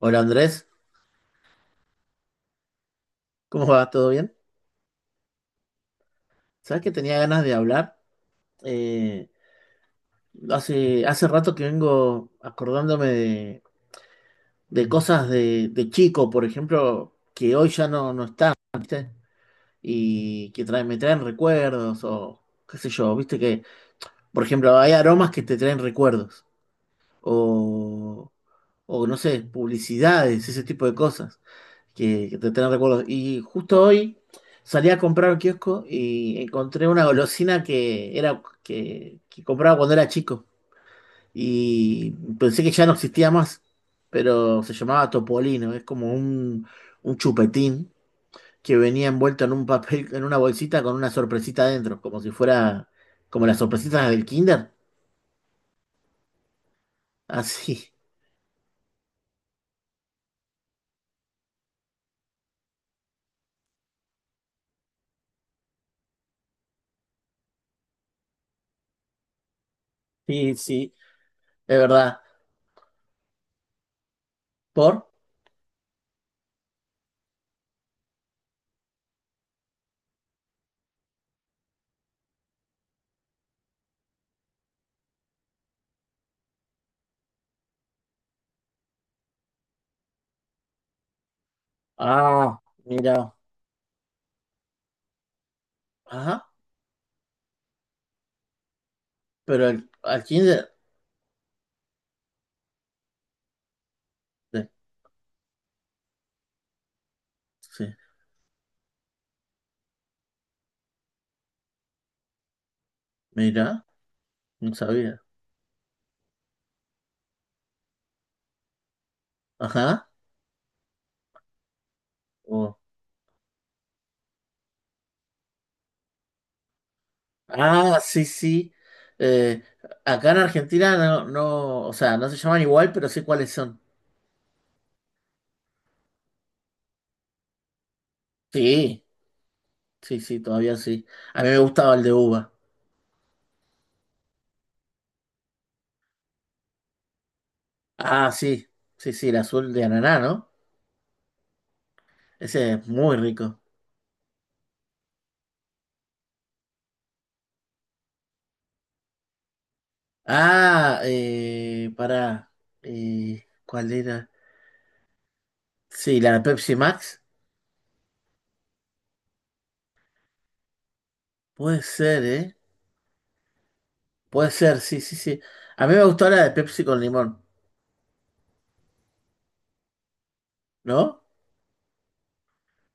Hola Andrés, ¿cómo va? ¿Todo bien? Sabes que tenía ganas de hablar. Eh, hace rato que vengo acordándome de cosas de chico, por ejemplo, que hoy ya no están y que me traen recuerdos o qué sé yo, viste que, por ejemplo, hay aromas que te traen recuerdos o, o no sé, publicidades, ese tipo de cosas. Que te tenés recuerdos. Y justo hoy salí a comprar un kiosco y encontré una golosina que era que compraba cuando era chico. Y pensé que ya no existía más, pero se llamaba Topolino. Es como un chupetín que venía envuelto en un papel, en una bolsita con una sorpresita adentro, como si fuera como las sorpresitas del Kinder. Así. Sí, sí, es verdad. ¿Por? Ah, mira. Ajá, pero al Kinder. Sí, sí. Mira, no sabía. Ajá. Oh. Ah, sí, sí. Eh, acá en Argentina o sea, no se llaman igual, pero sé cuáles son. Sí, sí, sí, todavía sí. A mí me gustaba el de uva. Ah, sí, sí, sí, el azul de ananá, ¿no? Ese es muy rico. Ah, pará. ¿Cuál era? Sí, la de Pepsi Max. Puede ser, ¿eh? Puede ser, sí, sí, sí. A mí me gustó la de Pepsi con limón, ¿no?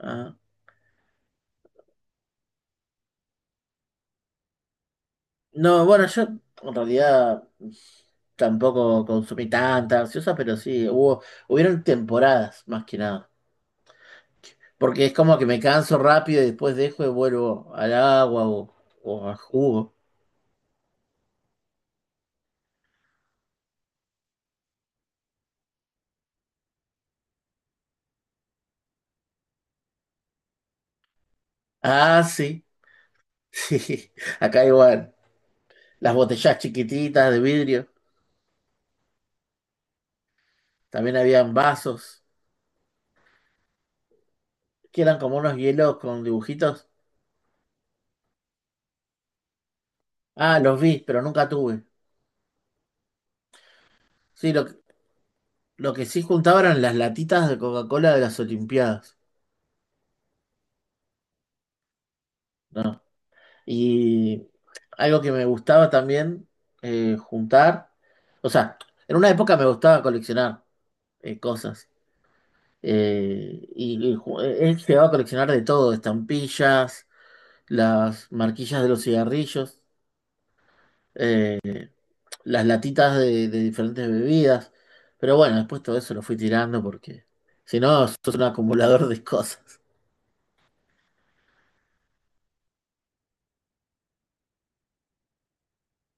Ah. No, bueno, yo en realidad tampoco consumí tanta gaseosa, pero sí, hubieron temporadas más que nada. Porque es como que me canso rápido y después dejo y vuelvo al agua o a jugo. Ah, sí, sí, acá igual. Las botellas chiquititas de vidrio, también habían vasos, que eran como unos hielos con dibujitos. Ah, los vi, pero nunca tuve. Sí, lo que sí juntaba eran las latitas de Coca-Cola de las Olimpiadas. No. Y algo que me gustaba también juntar, o sea, en una época me gustaba coleccionar cosas. He llegado a coleccionar de todo, estampillas, las marquillas de los cigarrillos, eh, las latitas de diferentes bebidas. Pero bueno, después todo eso lo fui tirando porque si no, sos un acumulador de cosas.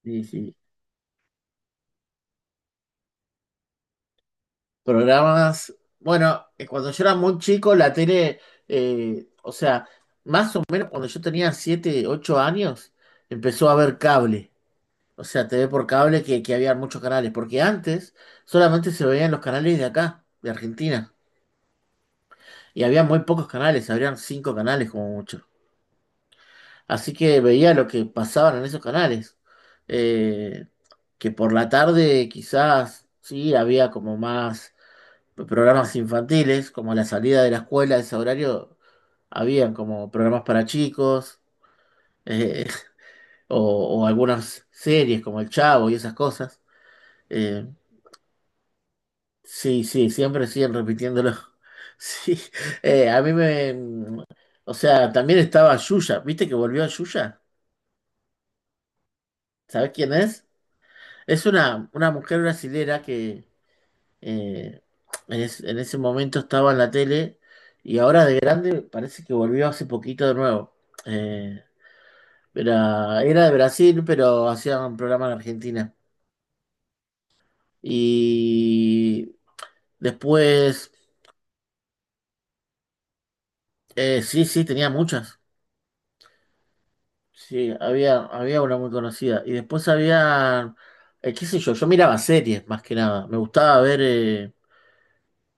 Sí, sí. Programas. Bueno, cuando yo era muy chico, o sea, más o menos cuando yo tenía 7 u 8 años, empezó a haber cable. O sea, TV por cable que había muchos canales. Porque antes solamente se veían los canales de acá, de Argentina. Y había muy pocos canales, habrían 5 canales como mucho. Así que veía lo que pasaban en esos canales. Eh, que por la tarde quizás sí había como más programas infantiles, como la salida de la escuela a ese horario, habían como programas para chicos, eh, o algunas series como El Chavo y esas cosas. Eh, sí, sí, siempre siguen repitiéndolo. Sí, a mí me... O sea, también estaba Yuya, ¿viste que volvió a Yuya? ¿Sabés quién es? Es una mujer brasilera que Eh, en ese momento estaba en la tele y ahora de grande parece que volvió hace poquito de nuevo. Eh, era, era de Brasil, pero hacía un programa en Argentina. Y después, sí, sí, tenía muchas. Sí, había, había una muy conocida. Y después había, qué sé yo, yo miraba series más que nada. Me gustaba ver eh,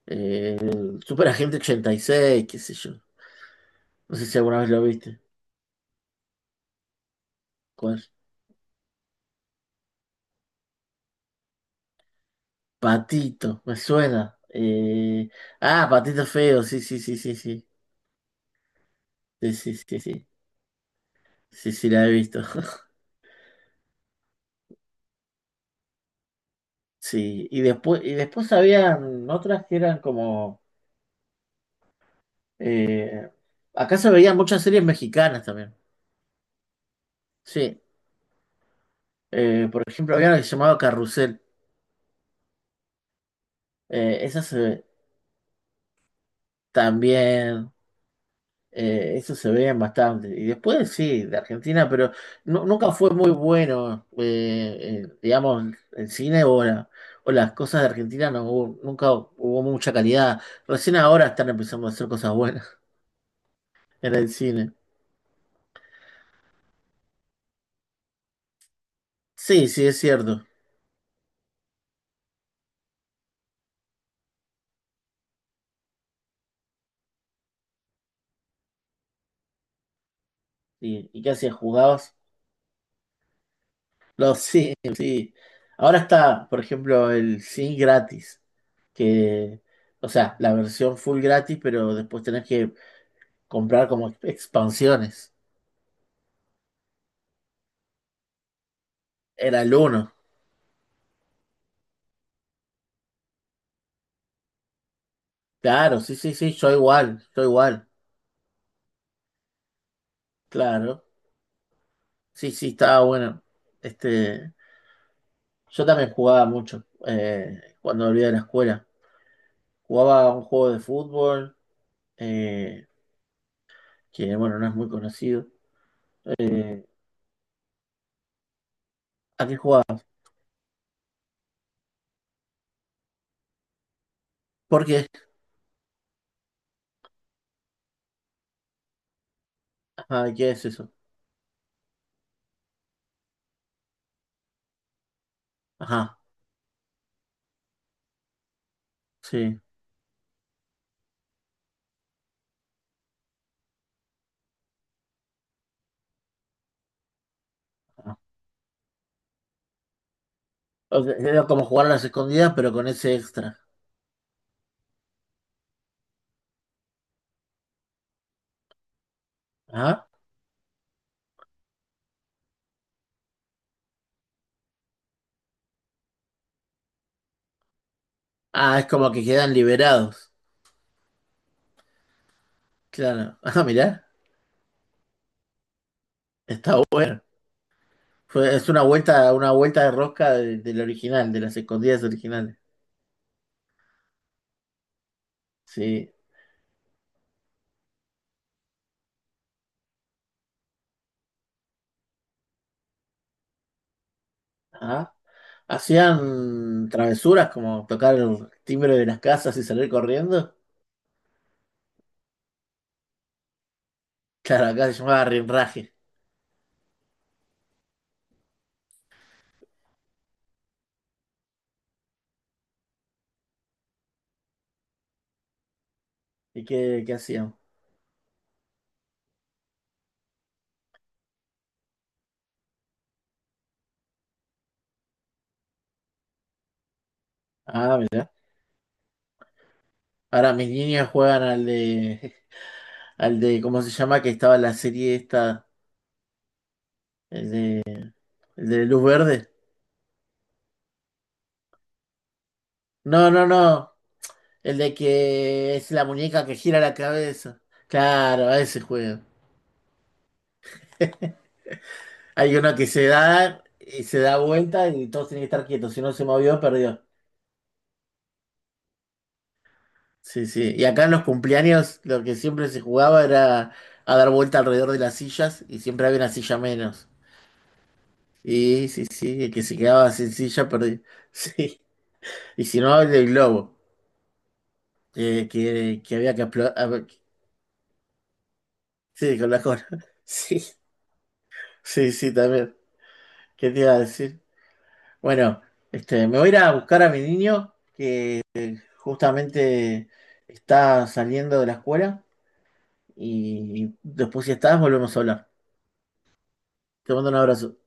eh, el Superagente 86, qué sé yo. No sé si alguna vez lo viste. ¿Cuál? Patito, me suena. Ah, Patito Feo, sí, sí, sí, sí, sí. Sí, sí, sí, sí. Sí, sí, la he visto. Sí. Y después habían otras que eran como. eh, Acá se veían muchas series mexicanas también. Sí. Por ejemplo, había una que se llamaba Carrusel. Esa se ve también. Eso se veía bastante. Y después sí, de Argentina, pero nunca fue muy bueno, digamos, el cine o, la- o las cosas de Argentina, nunca hubo mucha calidad. Recién ahora están empezando a hacer cosas buenas en el cine. Sí, sí, es cierto. Y qué hacías? ¿Jugabas? No, sí, sí. Ahora está, por ejemplo, el cine gratis, que, o sea, la versión full gratis, pero después tenés que comprar como expansiones. Era el uno. Claro, sí, sí, sí, yo igual, claro. Sí, sí, estaba bueno. Este, yo también jugaba mucho cuando volvía de la escuela. Jugaba un juego de fútbol, eh, que bueno, no es muy conocido. Eh, ¿A qué jugaba? ¿Por qué? Ajá, ¿qué es eso? Ajá, sí. Ajá. O sea, era como jugar a las escondidas, pero con ese extra. Ajá. Ah, es como que quedan liberados. Claro. Ah, mirá, está bueno. Fue, una vuelta de rosca del original, de las escondidas originales. Sí. Ajá. Hacían travesuras como tocar el timbre de las casas y salir corriendo. Claro, acá se llamaba rinraje. ¿Y qué, qué hacían? Ah, mirá. Ahora mis niños juegan al de, al de, ¿cómo se llama? Que estaba en la serie esta, el de, el de Luz Verde. No, no, no. El de que es la muñeca que gira la cabeza. Claro, a ese juego. Hay uno que se da y se da vuelta y todos tienen que estar quietos. Si no se movió, perdió. Sí, sí. Y acá en los cumpleaños lo que siempre se jugaba era a dar vuelta alrededor de las sillas y siempre había una silla menos. Y sí, sí, el que se quedaba sin silla perdía. Sí. Y si no, el del globo, que había que explotar. Sí, con la cola. Sí, sí, sí, también. ¿Qué te iba a decir? Bueno, este, me voy a ir a buscar a mi niño. Justamente está saliendo de la escuela. Y después, si estás, volvemos a hablar. Te mando un abrazo.